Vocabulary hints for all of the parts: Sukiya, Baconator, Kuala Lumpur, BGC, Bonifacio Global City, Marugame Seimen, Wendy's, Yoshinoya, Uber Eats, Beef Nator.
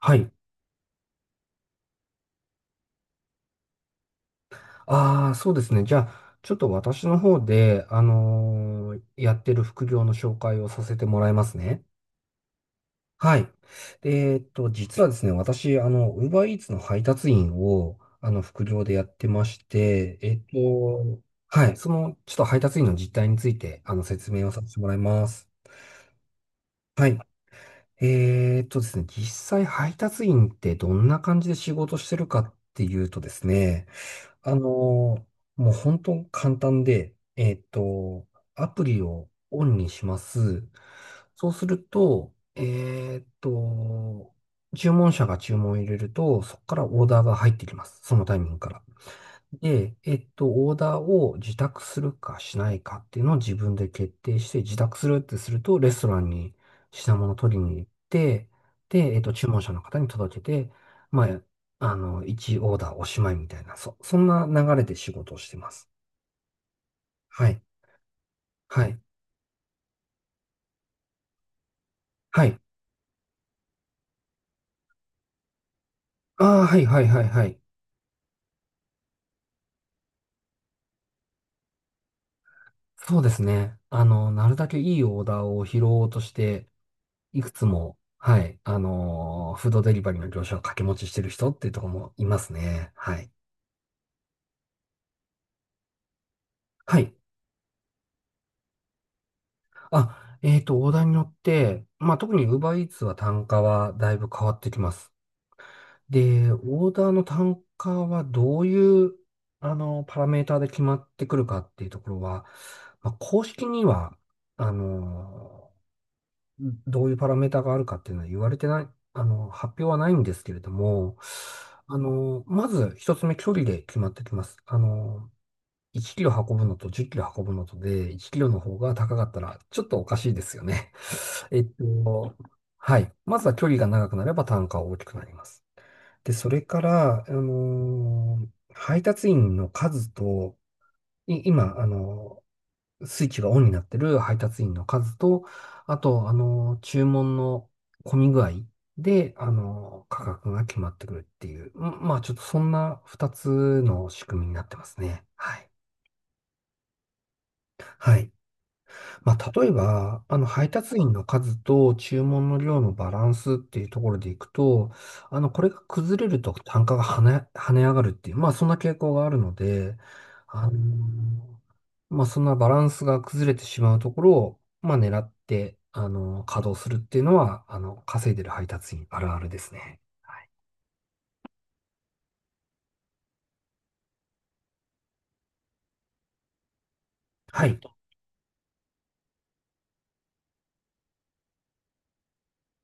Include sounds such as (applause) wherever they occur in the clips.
はい。ああ、そうですね。じゃあ、ちょっと私の方で、やってる副業の紹介をさせてもらいますね。はい。で実はですね、私、Uber Eats の配達員を、副業でやってまして、はい。その、ちょっと配達員の実態について、説明をさせてもらいます。はい。ですね、実際配達員ってどんな感じで仕事してるかっていうとですね、あのーもう本当簡単で、アプリをオンにします。そうすると、注文者が注文を入れると、そこからオーダーが入ってきます。そのタイミングから。で、オーダーを自宅するかしないかっていうのを自分で決定して、自宅するってすると、レストランに品物を取りに行って、で、注文者の方に届けて、まあ、1オーダーおしまいみたいな、そんな流れで仕事をしてます。はい。はい。はい。ああ、はい、はい、はい、はい。そうですね。なるだけいいオーダーを拾おうとして、いくつも、はい、フードデリバリーの業者を掛け持ちしてる人っていうところもいますね。はい。はい。あ、オーダーによって、まあ、特に UberEats は単価はだいぶ変わってきます。で、オーダーの単価はどういう、パラメーターで決まってくるかっていうところは、まあ、公式には、あの、どういうパラメーターがあるかっていうのは言われてない、発表はないんですけれども、まず一つ目、距離で決まってきます。1キロ運ぶのと10キロ運ぶのとで、1キロの方が高かったら、ちょっとおかしいですよね。(laughs) えっと、はい。まずは距離が長くなれば単価は大きくなります。で、それから、配達員の数と、今、スイッチがオンになってる配達員の数と、あと、注文の混み具合で、価格が決まってくるっていう、まあ、ちょっとそんな2つの仕組みになってますね。はい。はい。まあ、例えば、配達員の数と注文の量のバランスっていうところでいくと、これが崩れると単価が跳ね上がるっていう、まあ、そんな傾向があるので、あの、まあ、そんなバランスが崩れてしまうところを、まあ、狙って、稼働するっていうのは、稼いでる配達員あるあるですね。はい。はい。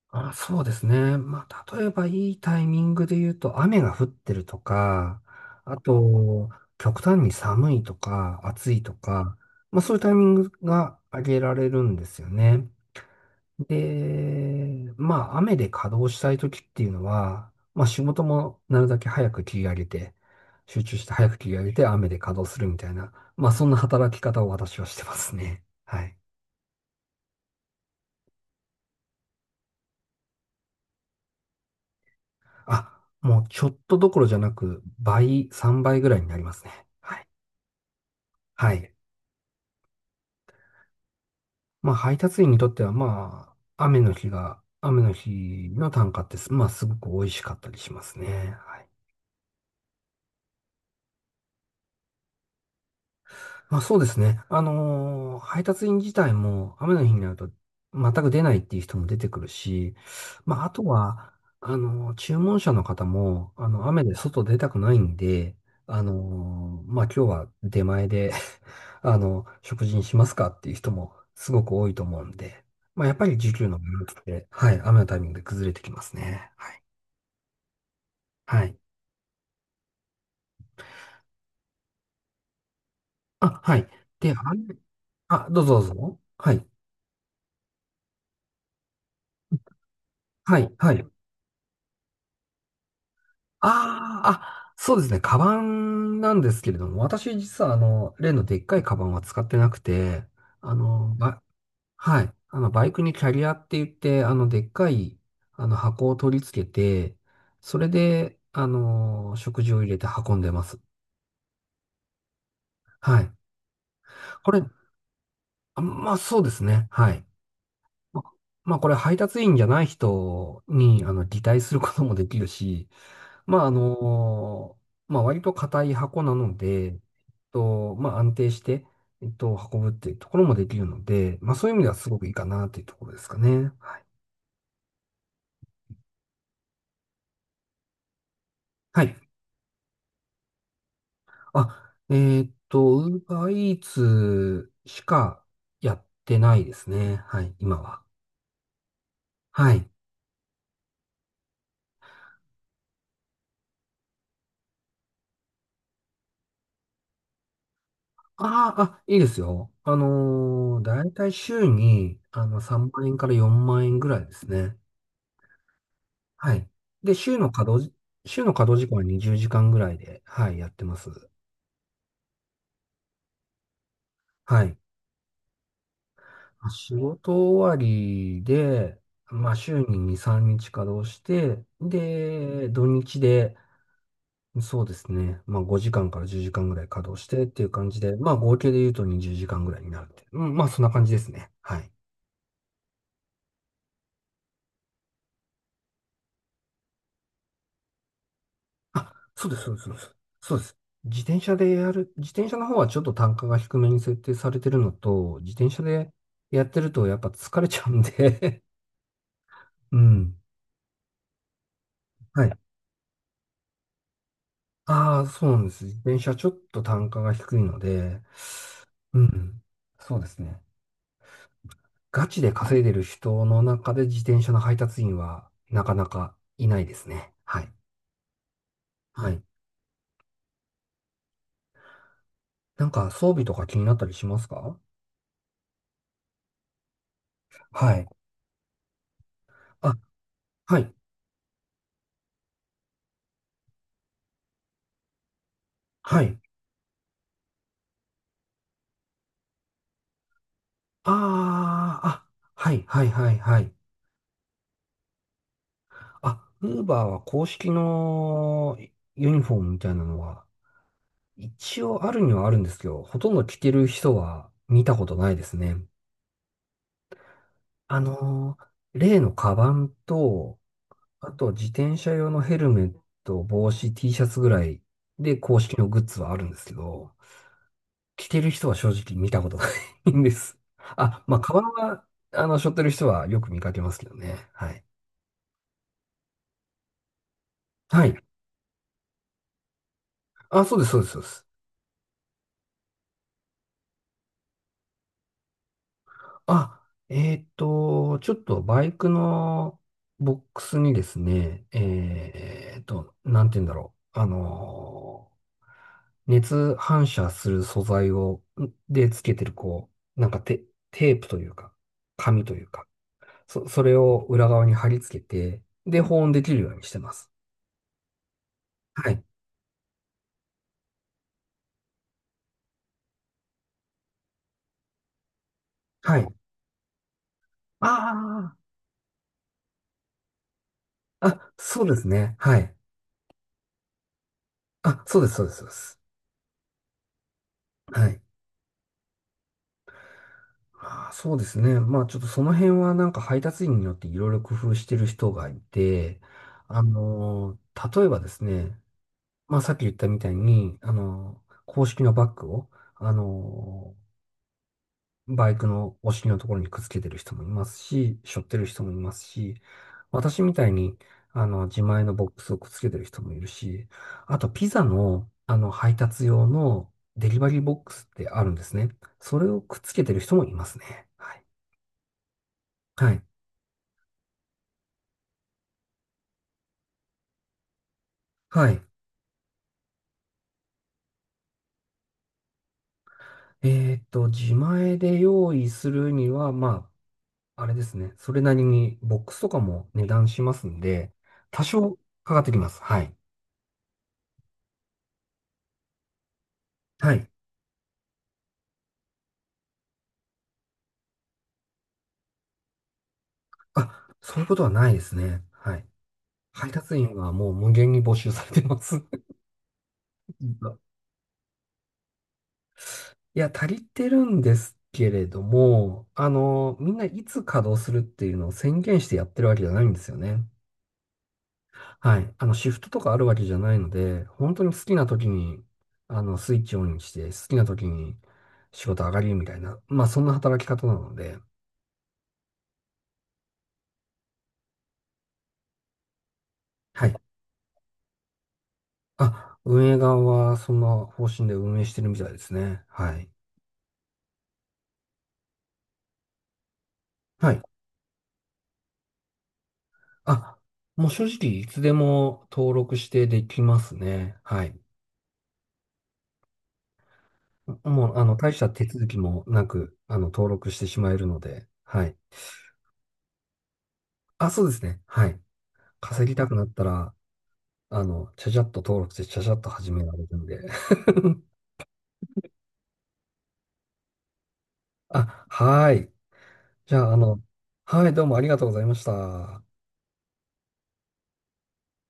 あ、そうですね。まあ、例えばいいタイミングで言うと、雨が降ってるとか、あと、極端に寒いとか、暑いとか、まあ、そういうタイミングが挙げられるんですよね。で、まあ、雨で稼働したい時っていうのは、まあ、仕事もなるだけ早く切り上げて、集中して早く切り上げて、雨で稼働するみたいな、まあ、そんな働き方を私はしてますね。はい。あ、もうちょっとどころじゃなく、倍、3倍ぐらいになりますね。はい。はい。まあ、配達員にとっては、まあ、雨の日の単価ってす、まあ、すごく美味しかったりしますね。はい。まあ、そうですね。配達員自体も雨の日になると全く出ないっていう人も出てくるし、まあ、あとは、注文者の方も、雨で外出たくないんで、あのまあ、今日は出前で (laughs) 食事にしますかっていう人もすごく多いと思うんで、まあ、やっぱり需給のバランスって、はい、雨のタイミングで崩れてきますね。はい。はい。あ、はい。で、雨、あ、どうぞどうぞ。はい。はい。はい。ああ、あ、そうですね。カバンなんですけれども、私実は例のでっかいカバンは使ってなくて、あの、ば、はい。バイクにキャリアって言って、でっかい、箱を取り付けて、それで、食事を入れて運んでます。はい。これ、まあそうですね。はい。ままあこれ配達員じゃない人に、擬態することもできるし、まあ、まあ、割と硬い箱なので、えっまあ、安定して、運ぶっていうところもできるので、まあ、そういう意味ではすごくいいかなっていうところですかね。はい。あ、ウーバーイーツしかやってないですね。はい、今は。はい。いいですよ。だいたい週に、3万円から4万円ぐらいですね。はい。で、週の稼働時間は20時間ぐらいで、はい、やってます。はい。まあ仕事終わりで、まあ、週に2、3日稼働して、で、土日で、そうですね、まあ、5時間から10時間ぐらい稼働してっていう感じで、まあ、合計で言うと20時間ぐらいになるって。うん、まあ、そんな感じですね。はい。あ、そうです、そうです、そうです。そうです。自転車の方はちょっと単価が低めに設定されてるのと、自転車でやってるとやっぱ疲れちゃうんで (laughs) うん。はい。ああ、そうなんです。自転車ちょっと単価が低いので、うん。そうですね。ガチで稼いでる人の中で自転車の配達員はなかなかいないですね。はい。はい。なんか装備とか気になったりしますか？はい。あ、はい。はい。ああ、あ、はいはいはいはい。あ、ウーバーは公式のユニフォームみたいなのは一応あるにはあるんですけど、ほとんど着てる人は見たことないですね。例のカバンと、あと自転車用のヘルメット、帽子、T シャツぐらいで公式のグッズはあるんですけど、着てる人は正直見たことないんです。あ、まあ、カバンは、背負ってる人はよく見かけますけどね。はい。はい。あ、そうです、そうです、そうです。あ、ちょっとバイクのボックスにですね、なんて言うんだろう。熱反射する素材を、つけてる、こう、なんかテープというか、紙というか、それを裏側に貼り付けて、で、保温できるようにしてます。はい。はい。ああ、あ、そうですね。はい。あ、そうです、そうです、そうです。はい。ああ、そうですね。まあちょっとその辺はなんか配達員によっていろいろ工夫してる人がいて、例えばですね、まあさっき言ったみたいに、公式のバッグを、あのバイクのお尻のところにくっつけてる人もいますし、背負ってる人もいますし、私みたいに、自前のボックスをくっつけてる人もいるし、あとピザの、配達用のデリバリーボックスってあるんですね。それをくっつけてる人もいますね。はい。はいはい。自前で用意するには、まあ、あれですね。それなりにボックスとかも値段しますんで、多少かかってきます。はい。はい。あ、そういうことはないですね。はい。配達員はもう無限に募集されてます。(laughs) 実はいや、足りてるんですけれども、みんないつ稼働するっていうのを宣言してやってるわけじゃないんですよね。はい。シフトとかあるわけじゃないので、本当に好きな時に、スイッチオンにして、好きな時に仕事上がりみたいな、まあ、そんな働き方なので、はい。あ、運営側はそんな方針で運営してるみたいですね。はい。はい。あ、もう正直、いつでも登録してできますね。はい。もう、大した手続きもなく、登録してしまえるので、はい。あ、そうですね。はい。稼ぎたくなったら、ちゃちゃっと登録して、ちゃちゃっと始められるんで。(laughs) あ、はい。じゃあ、はい、どうもありがとうございました。